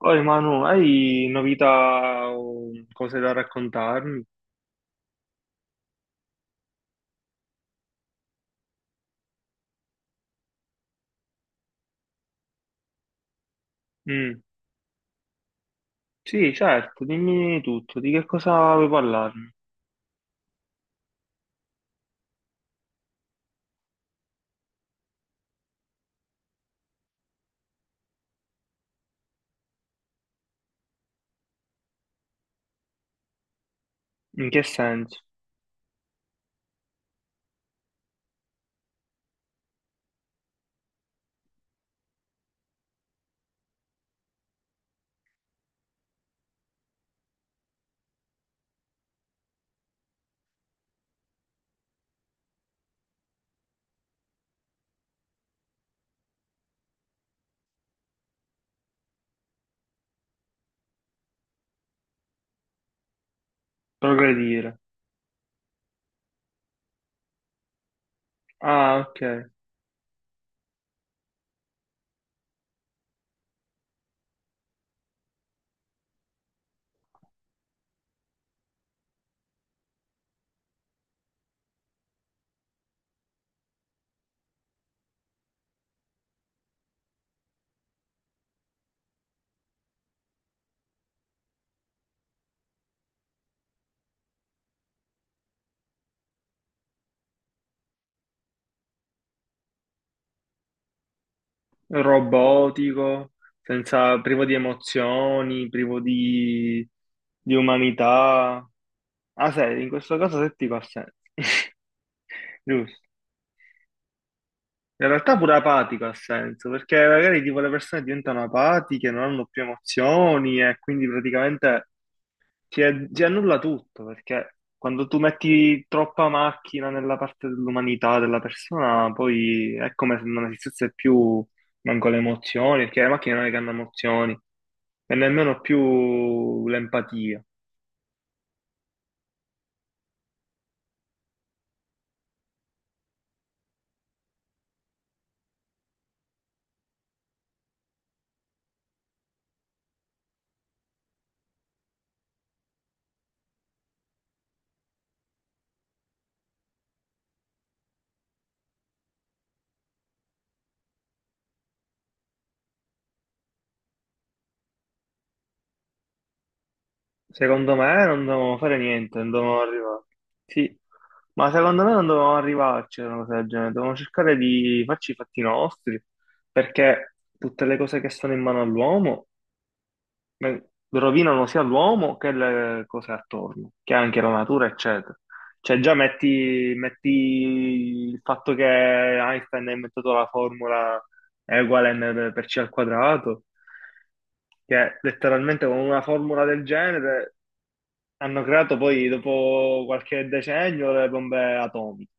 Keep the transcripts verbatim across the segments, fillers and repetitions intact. Poi Manu, hai novità o cose da raccontarmi? Mm, sì, certo, dimmi tutto, di che cosa vuoi parlarmi? In che senso? Progredire. Ah, ok. Robotico, senza, privo di emozioni, privo di, di umanità. Ah, sei, in questo caso settico ha senso. Giusto. In realtà pure apatico ha senso, perché magari tipo le persone diventano apatiche, non hanno più emozioni e quindi praticamente ti, ti annulla tutto, perché quando tu metti troppa macchina nella parte dell'umanità della persona, poi è come se non esistesse più manco le emozioni, perché le macchine non è che hanno emozioni, e nemmeno più l'empatia. Secondo me non dovevamo fare niente, non dovevamo arrivare. Sì, ma secondo me non dovevamo arrivarci a una cosa del genere, dovevamo cercare di farci i fatti nostri, perché tutte le cose che sono in mano all'uomo, ma rovinano sia l'uomo che le cose attorno, che anche la natura, eccetera. Cioè, già metti, metti il fatto che Einstein ha inventato la formula E uguale mc per c al quadrato, che letteralmente con una formula del genere hanno creato poi, dopo qualche decennio, le bombe atomiche.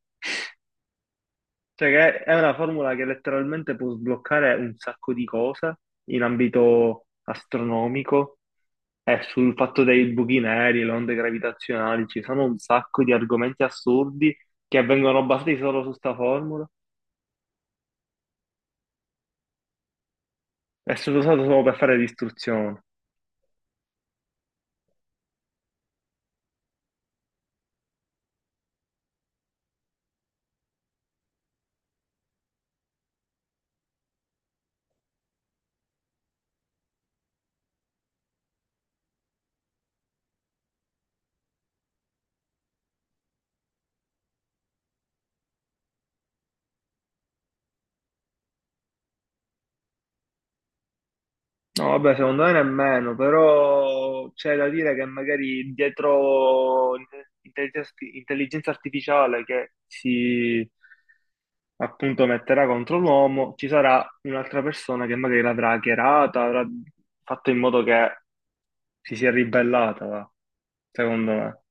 Cioè, che è una formula che letteralmente può sbloccare un sacco di cose in ambito astronomico. Eh, sul fatto dei buchi neri, le onde gravitazionali, ci sono un sacco di argomenti assurdi che vengono basati solo su sta formula e sono usati solo per fare distruzione. No, vabbè, secondo me nemmeno, però c'è da dire che magari dietro l'intelligenza intelligenza artificiale che si appunto metterà contro l'uomo, ci sarà un'altra persona che magari l'avrà hackerata, avrà fatto in modo che si sia ribellata, va, secondo me.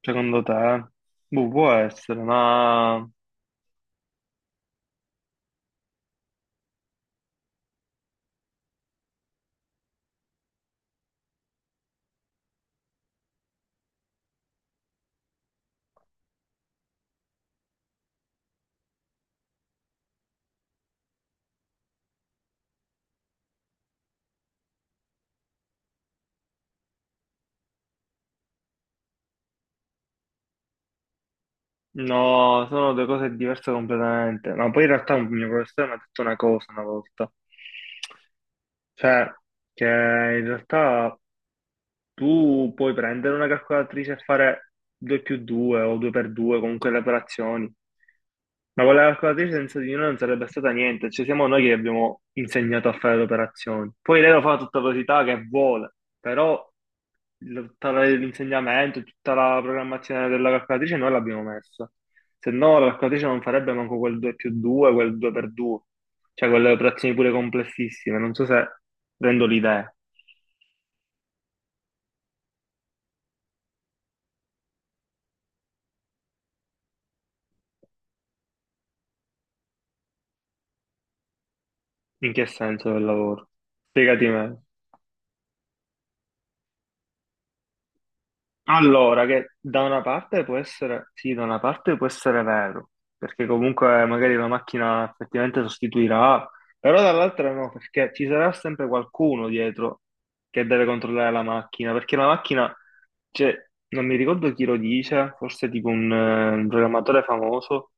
Secondo te? Boh, può essere, ma no, sono due cose diverse completamente. Ma poi in realtà un mio professore mi ha detto una cosa una volta, cioè che in realtà tu puoi prendere una calcolatrice e fare due più due o due per due, comunque le operazioni, ma con la calcolatrice senza di noi non sarebbe stata niente, cioè siamo noi che abbiamo insegnato a fare le operazioni. Poi lei lo fa a tutta velocità che vuole, però la- tutta la- l'insegnamento, tutta la programmazione della calcolatrice noi l'abbiamo messa. Se no, la calcolatrice non farebbe manco quel due più due, quel due per due, cioè quelle operazioni pure complessissime. Non so se rendo l'idea. In che senso del lavoro. Spiegati meglio. Allora, che da una parte può essere, sì, da una parte può essere vero, perché comunque magari la macchina effettivamente sostituirà, però dall'altra no, perché ci sarà sempre qualcuno dietro che deve controllare la macchina, perché la macchina, cioè, non mi ricordo chi lo dice, forse tipo un, eh, un programmatore famoso,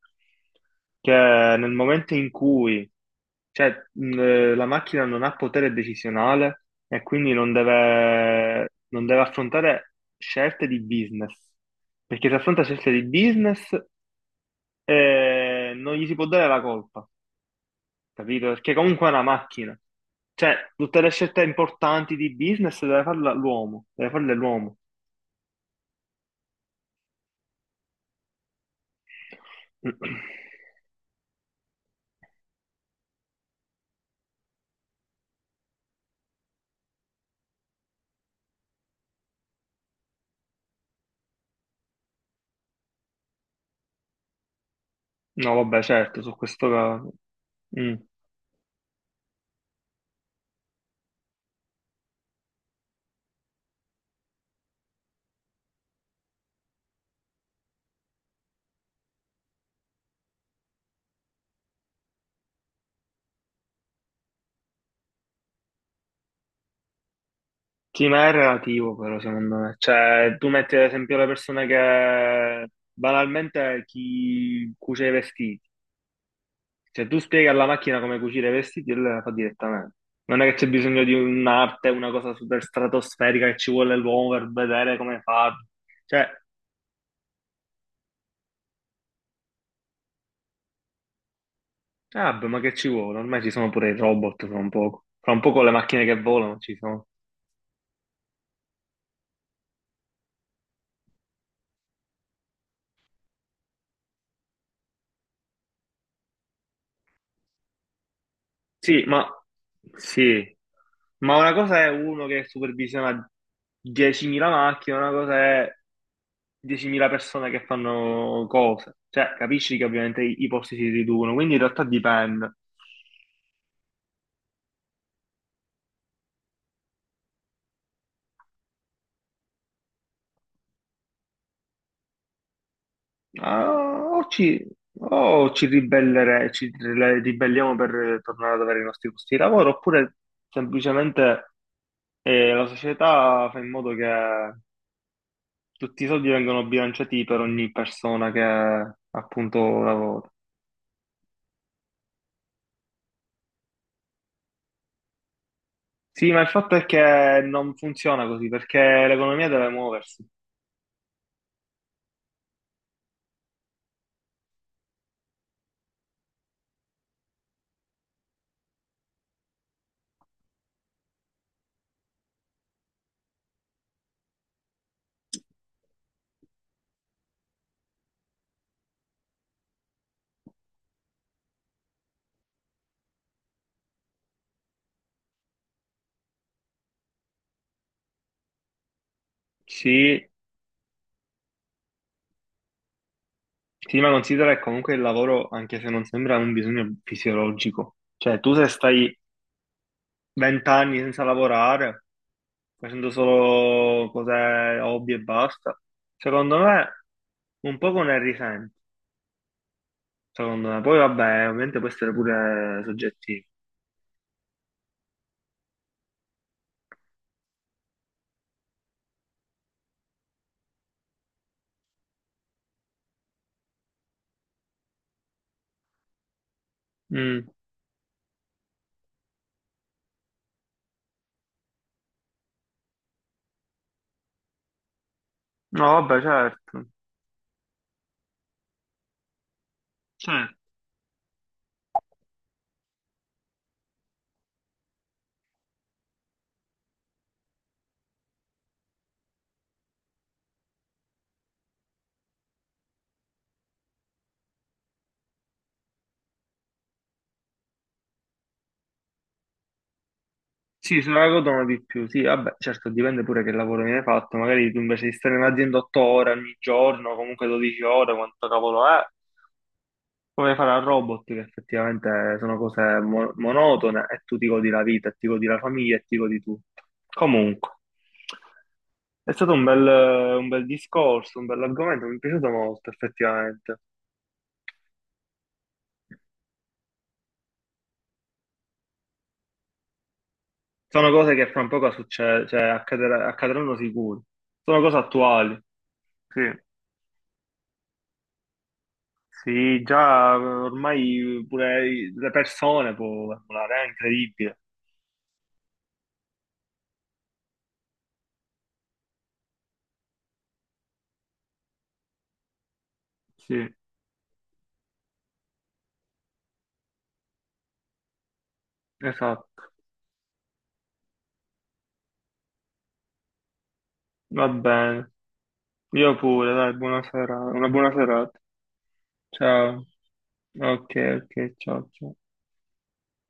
che nel momento in cui, cioè, mh, eh, la macchina non ha potere decisionale e quindi non deve, non deve affrontare scelte di business, perché se affronta scelte di business, eh, non gli si può dare la colpa, capito? Perché comunque è una macchina. Cioè, tutte le scelte importanti di business deve farle l'uomo, deve farle l'uomo. No, vabbè, certo, su questo caso. Mm. Sì, ma è relativo però, secondo me. Cioè, tu metti ad esempio le persone che banalmente chi cuce i vestiti. Cioè, tu spieghi alla macchina come cucire i vestiti e lei la fa direttamente. Non è che c'è bisogno di un'arte, una cosa super stratosferica che ci vuole l'uomo per vedere come farlo. Cioè, ah, beh, ma che ci vuole? Ormai ci sono pure i robot fra un poco. Fra un poco le macchine che volano ci sono. Sì, ma sì, ma una cosa è uno che supervisiona diecimila macchine, una cosa è diecimila persone che fanno cose. Cioè, capisci che ovviamente i, i posti si riducono, quindi in realtà dipende. Ah, o ci, o ci ribellere- ci ribelle- ribelliamo per tornare ad avere i nostri posti di lavoro, oppure semplicemente eh, la società fa in modo che tutti i soldi vengano bilanciati per ogni persona che appunto lavora. Sì, ma il fatto è che non funziona così, perché l'economia deve muoversi. Sì, sì, ma considera che comunque il lavoro, anche se non sembra, è un bisogno fisiologico. Cioè, tu se stai vent'anni senza lavorare, facendo solo cose hobby e basta, secondo me un poco ne risenti, secondo me. Poi vabbè, ovviamente può essere pure soggettivo. Mm. No, vabbè, certo. Certo. Sì, se ne la godono di più, sì, vabbè, certo, dipende pure che lavoro viene fatto, magari tu invece di stare in azienda otto ore ogni giorno, comunque dodici ore, quanto cavolo è, come fare a robot, che effettivamente sono cose mo- monotone e tu ti godi la vita, e ti godi la famiglia e ti godi tutto. Comunque, è stato un bel, un bel discorso, un bell'argomento, mi è piaciuto molto, effettivamente. Sono cose che fra un poco succe- cioè, accadere- accadranno sicuro, sono cose attuali, sì. Sì, già ormai pure i- le persone può emulare, è incredibile. Sì, esatto. Va bene. Io pure, dai, buona sera, una buona serata. Ciao. Ok, ok, ciao, ciao.